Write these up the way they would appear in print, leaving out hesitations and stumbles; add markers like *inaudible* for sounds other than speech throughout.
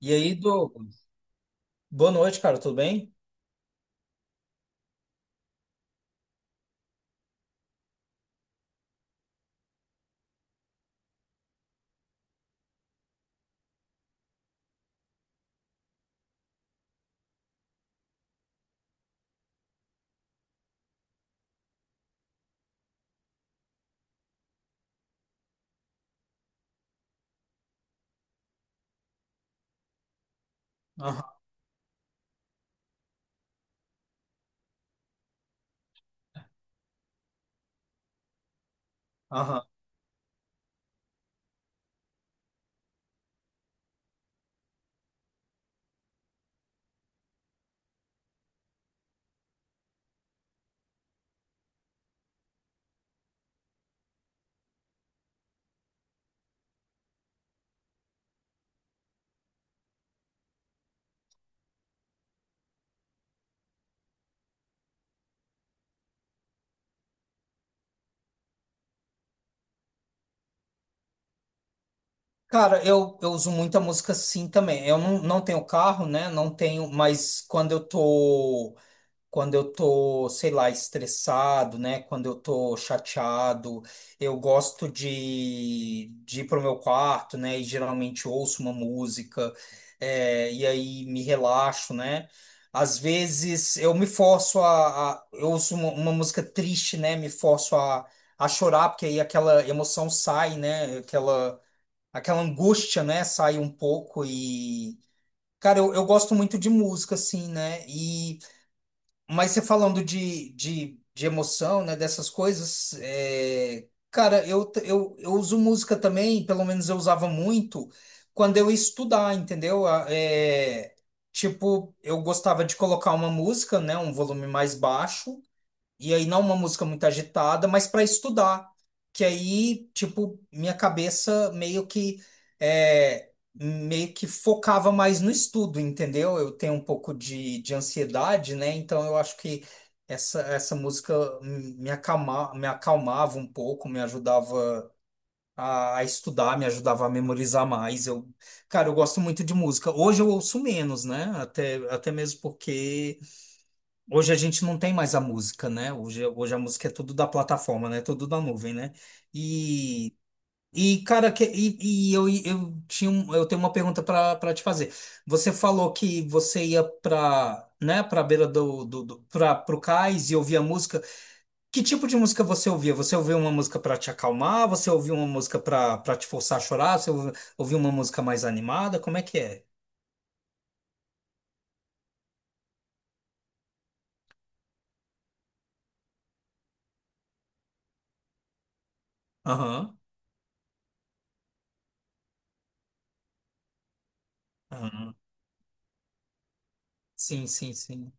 E aí, Douglas? Boa noite, cara, tudo bem? Aham, aham. Cara, eu uso muita música sim também. Eu não tenho carro, né? Não tenho, mas quando eu tô. Quando eu tô, sei lá, estressado, né? Quando eu tô chateado, eu gosto de ir pro meu quarto, né? E geralmente ouço uma música, e aí me relaxo, né? Às vezes eu me forço eu ouço uma música triste, né? Me forço a chorar, porque aí aquela emoção sai, né? Aquela, aquela angústia, né? Sai um pouco e, cara, eu gosto muito de música, assim, né? E mas você falando de emoção, né, dessas coisas, cara, eu uso música também, pelo menos eu usava muito, quando eu ia estudar, entendeu? Tipo, eu gostava de colocar uma música, né, um volume mais baixo, e aí não é uma música muito agitada, mas para estudar. Que aí, tipo, minha cabeça meio que meio que focava mais no estudo, entendeu? Eu tenho um pouco de ansiedade, né? Então eu acho que essa música me acalma, me acalmava um pouco, me ajudava a estudar, me ajudava a memorizar mais. Cara, eu gosto muito de música. Hoje eu ouço menos, né? Até mesmo porque hoje a gente não tem mais a música, né? Hoje a música é tudo da plataforma, né? Tudo da nuvem, né? E, e cara, e eu tenho uma pergunta para te fazer. Você falou que você ia para, né, para beira do, do, do para o cais e ouvia música. Que tipo de música você ouvia? Você ouvia uma música para te acalmar? Você ouvia uma música para te forçar a chorar? Ouvia uma música mais animada? Como é que é? Aham, aham. Sim, sim, sim.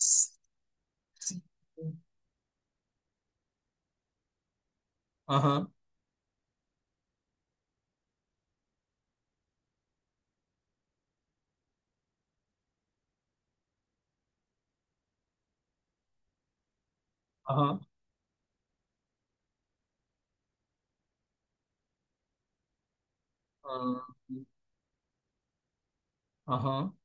S- Sim. Aham. Aham. Aham. Aham.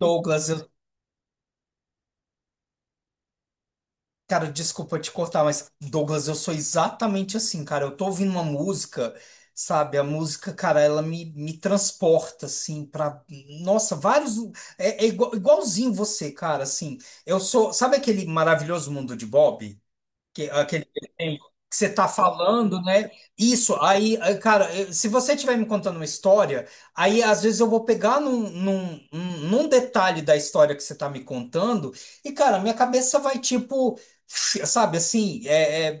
Douglas, eu, cara, desculpa te cortar, mas Douglas, eu sou exatamente assim, cara. Eu tô ouvindo uma música, sabe? A música, cara, ela me transporta, assim, pra. Nossa, vários. É, igualzinho você, cara, assim. Eu sou. Sabe aquele maravilhoso mundo de Bob? Que, aquele desenho que você tá falando, né? Isso, aí, cara, se você estiver me contando uma história, aí às vezes eu vou pegar num detalhe da história que você tá me contando, e, cara, minha cabeça vai tipo, sabe assim, é, é-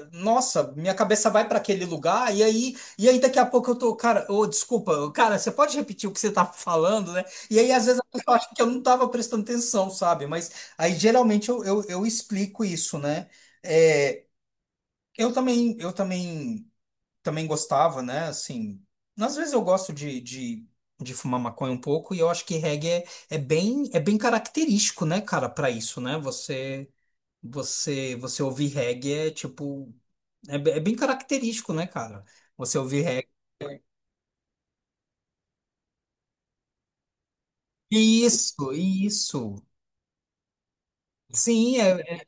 é- nossa, minha cabeça vai para aquele lugar, e aí daqui a pouco eu tô, cara, ô, desculpa, cara, você pode repetir o que você tá falando, né? E aí, às vezes, a pessoa acha que eu não tava prestando atenção, sabe? Mas aí geralmente eu explico isso, né? É, eu também, eu também, também gostava, né? Assim, às vezes eu gosto de fumar maconha um pouco e eu acho que reggae é bem característico, né, cara, para isso, né? Você ouvir reggae é tipo, é bem característico, né, cara? Você ouvir reggae. Isso, isso. Sim,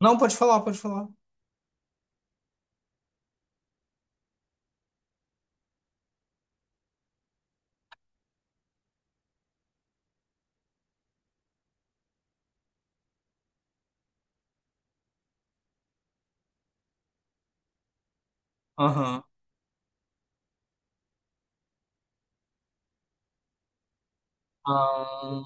não, pode falar, pode falar. Aham. Ah.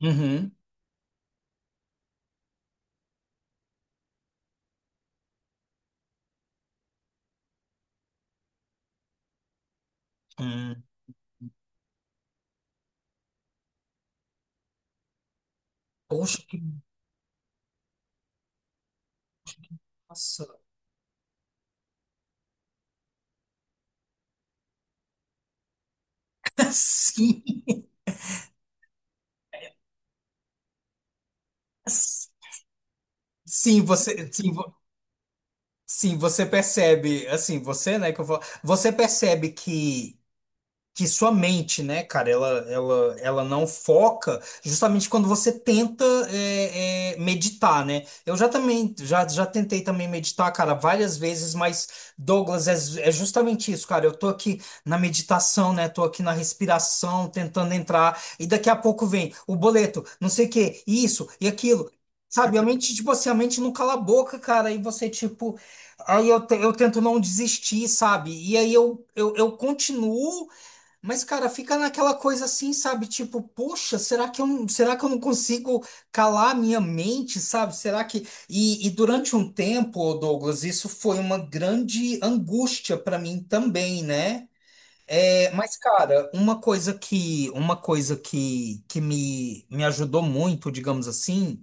Uhum. Hum. Poxa, que massa. *laughs* Sim. Sim, você, sim, vo- sim, você percebe, assim, você, né, você percebe que sua mente, né, cara, ela não foca justamente quando você tenta meditar, né? Eu já também, já, já tentei também meditar, cara, várias vezes, mas, Douglas, é justamente isso, cara. Eu tô aqui na meditação, né? Tô aqui na respiração, tentando entrar, e daqui a pouco vem o boleto, não sei o quê, isso e aquilo. Sabe, a mente, tipo assim, a mente não cala a boca, cara, e você, tipo, eu tento não desistir, sabe? E aí eu continuo mas, cara, fica naquela coisa assim, sabe? Tipo, poxa, será que eu não consigo calar a minha mente, sabe? Será que. E durante um tempo, Douglas, isso foi uma grande angústia para mim também, né? É, mas, cara, uma coisa que me ajudou muito, digamos assim,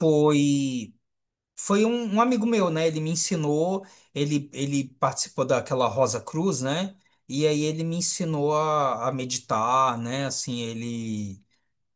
foi. Foi um, um amigo meu, né? Ele me ensinou, ele participou daquela Rosa Cruz, né? E aí ele me ensinou a meditar, né? Assim, ele.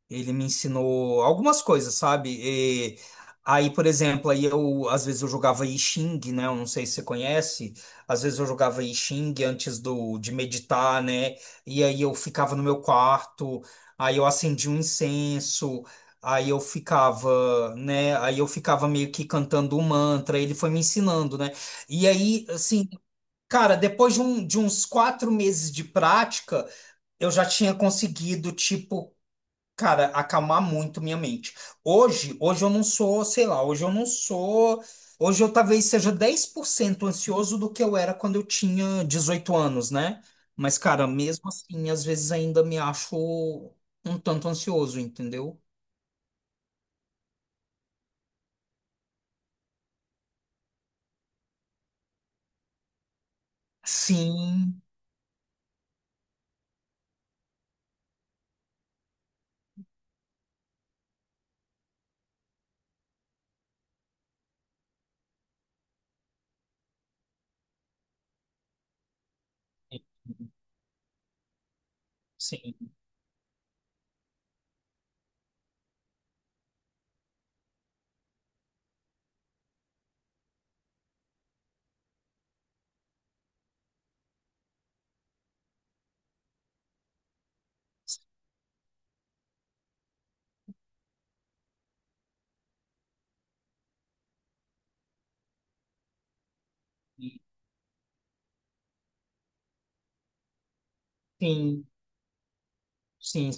Ele me ensinou algumas coisas, sabe? E aí, por exemplo, aí eu às vezes eu jogava I Ching, né? Eu não sei se você conhece. Às vezes eu jogava I Ching antes do de meditar, né? E aí eu ficava no meu quarto, aí eu acendia um incenso, aí eu ficava, né? Aí eu ficava meio que cantando um mantra. Ele foi me ensinando, né? E aí, assim, cara, depois de uns 4 meses de prática eu já tinha conseguido, tipo, cara, acalmar muito minha mente. Hoje eu não sou, sei lá, hoje eu não sou. Hoje eu talvez seja 10% ansioso do que eu era quando eu tinha 18 anos, né? Mas, cara, mesmo assim, às vezes ainda me acho um tanto ansioso, entendeu? Sim, sim, sim, sim,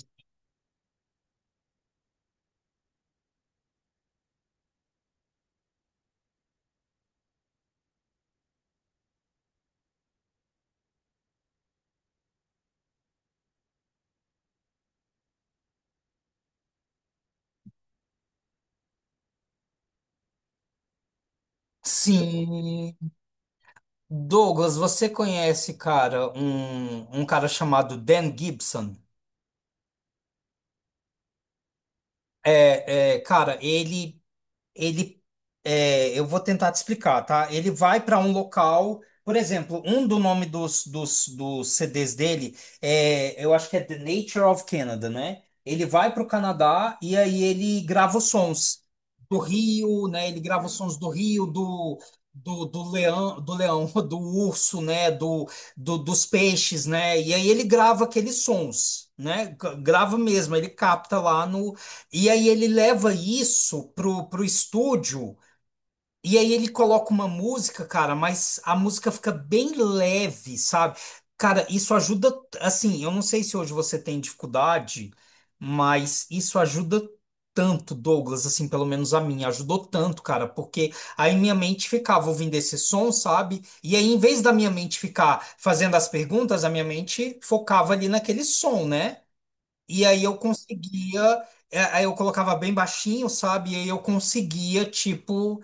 sim. Douglas, você conhece, cara, um cara chamado Dan Gibson? É, é, cara, ele. Ele é, eu vou tentar te explicar, tá? Ele vai para um local, por exemplo, um do nome dos CDs dele é, eu acho que é The Nature of Canada, né? Ele vai para o Canadá e aí ele grava os sons do rio, né? Ele grava os sons do rio, do do, do leão, *laughs* do urso, né? Do, do, dos peixes, né? E aí ele grava aqueles sons, né? Grava mesmo, ele capta lá no, e aí ele leva isso pro, pro estúdio, e aí ele coloca uma música, cara, mas a música fica bem leve, sabe? Cara, isso ajuda, assim, eu não sei se hoje você tem dificuldade, mas isso ajuda tanto, Douglas, assim, pelo menos a mim ajudou tanto, cara, porque aí minha mente ficava ouvindo esse som, sabe? E aí, em vez da minha mente ficar fazendo as perguntas, a minha mente focava ali naquele som, né? E aí eu conseguia, aí eu colocava bem baixinho, sabe? E aí eu conseguia, tipo,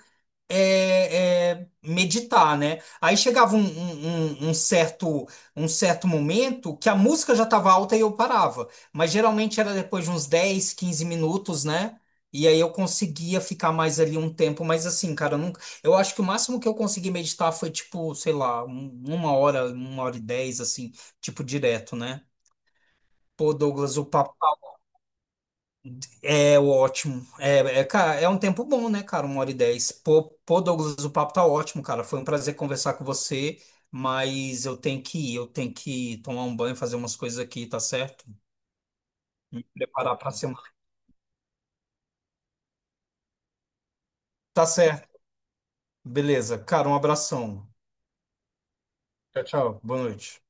meditar, né? Aí chegava um certo momento que a música já estava alta e eu parava. Mas geralmente era depois de uns 10 15 minutos, né? E aí eu conseguia ficar mais ali um tempo, mas assim, cara, eu nunca, eu acho que o máximo que eu consegui meditar foi tipo, sei lá, uma hora e dez, assim, tipo direto, né? Pô, Douglas, o papo é ótimo. É, é, cara, é um tempo bom, né, cara? Uma hora e dez. Pô, Douglas, o papo tá ótimo, cara. Foi um prazer conversar com você, mas eu tenho que ir, eu tenho que tomar um banho, fazer umas coisas aqui, tá certo? Preparar pra semana. Tá certo. Beleza. Cara, um abração. Tchau, tchau. Boa noite.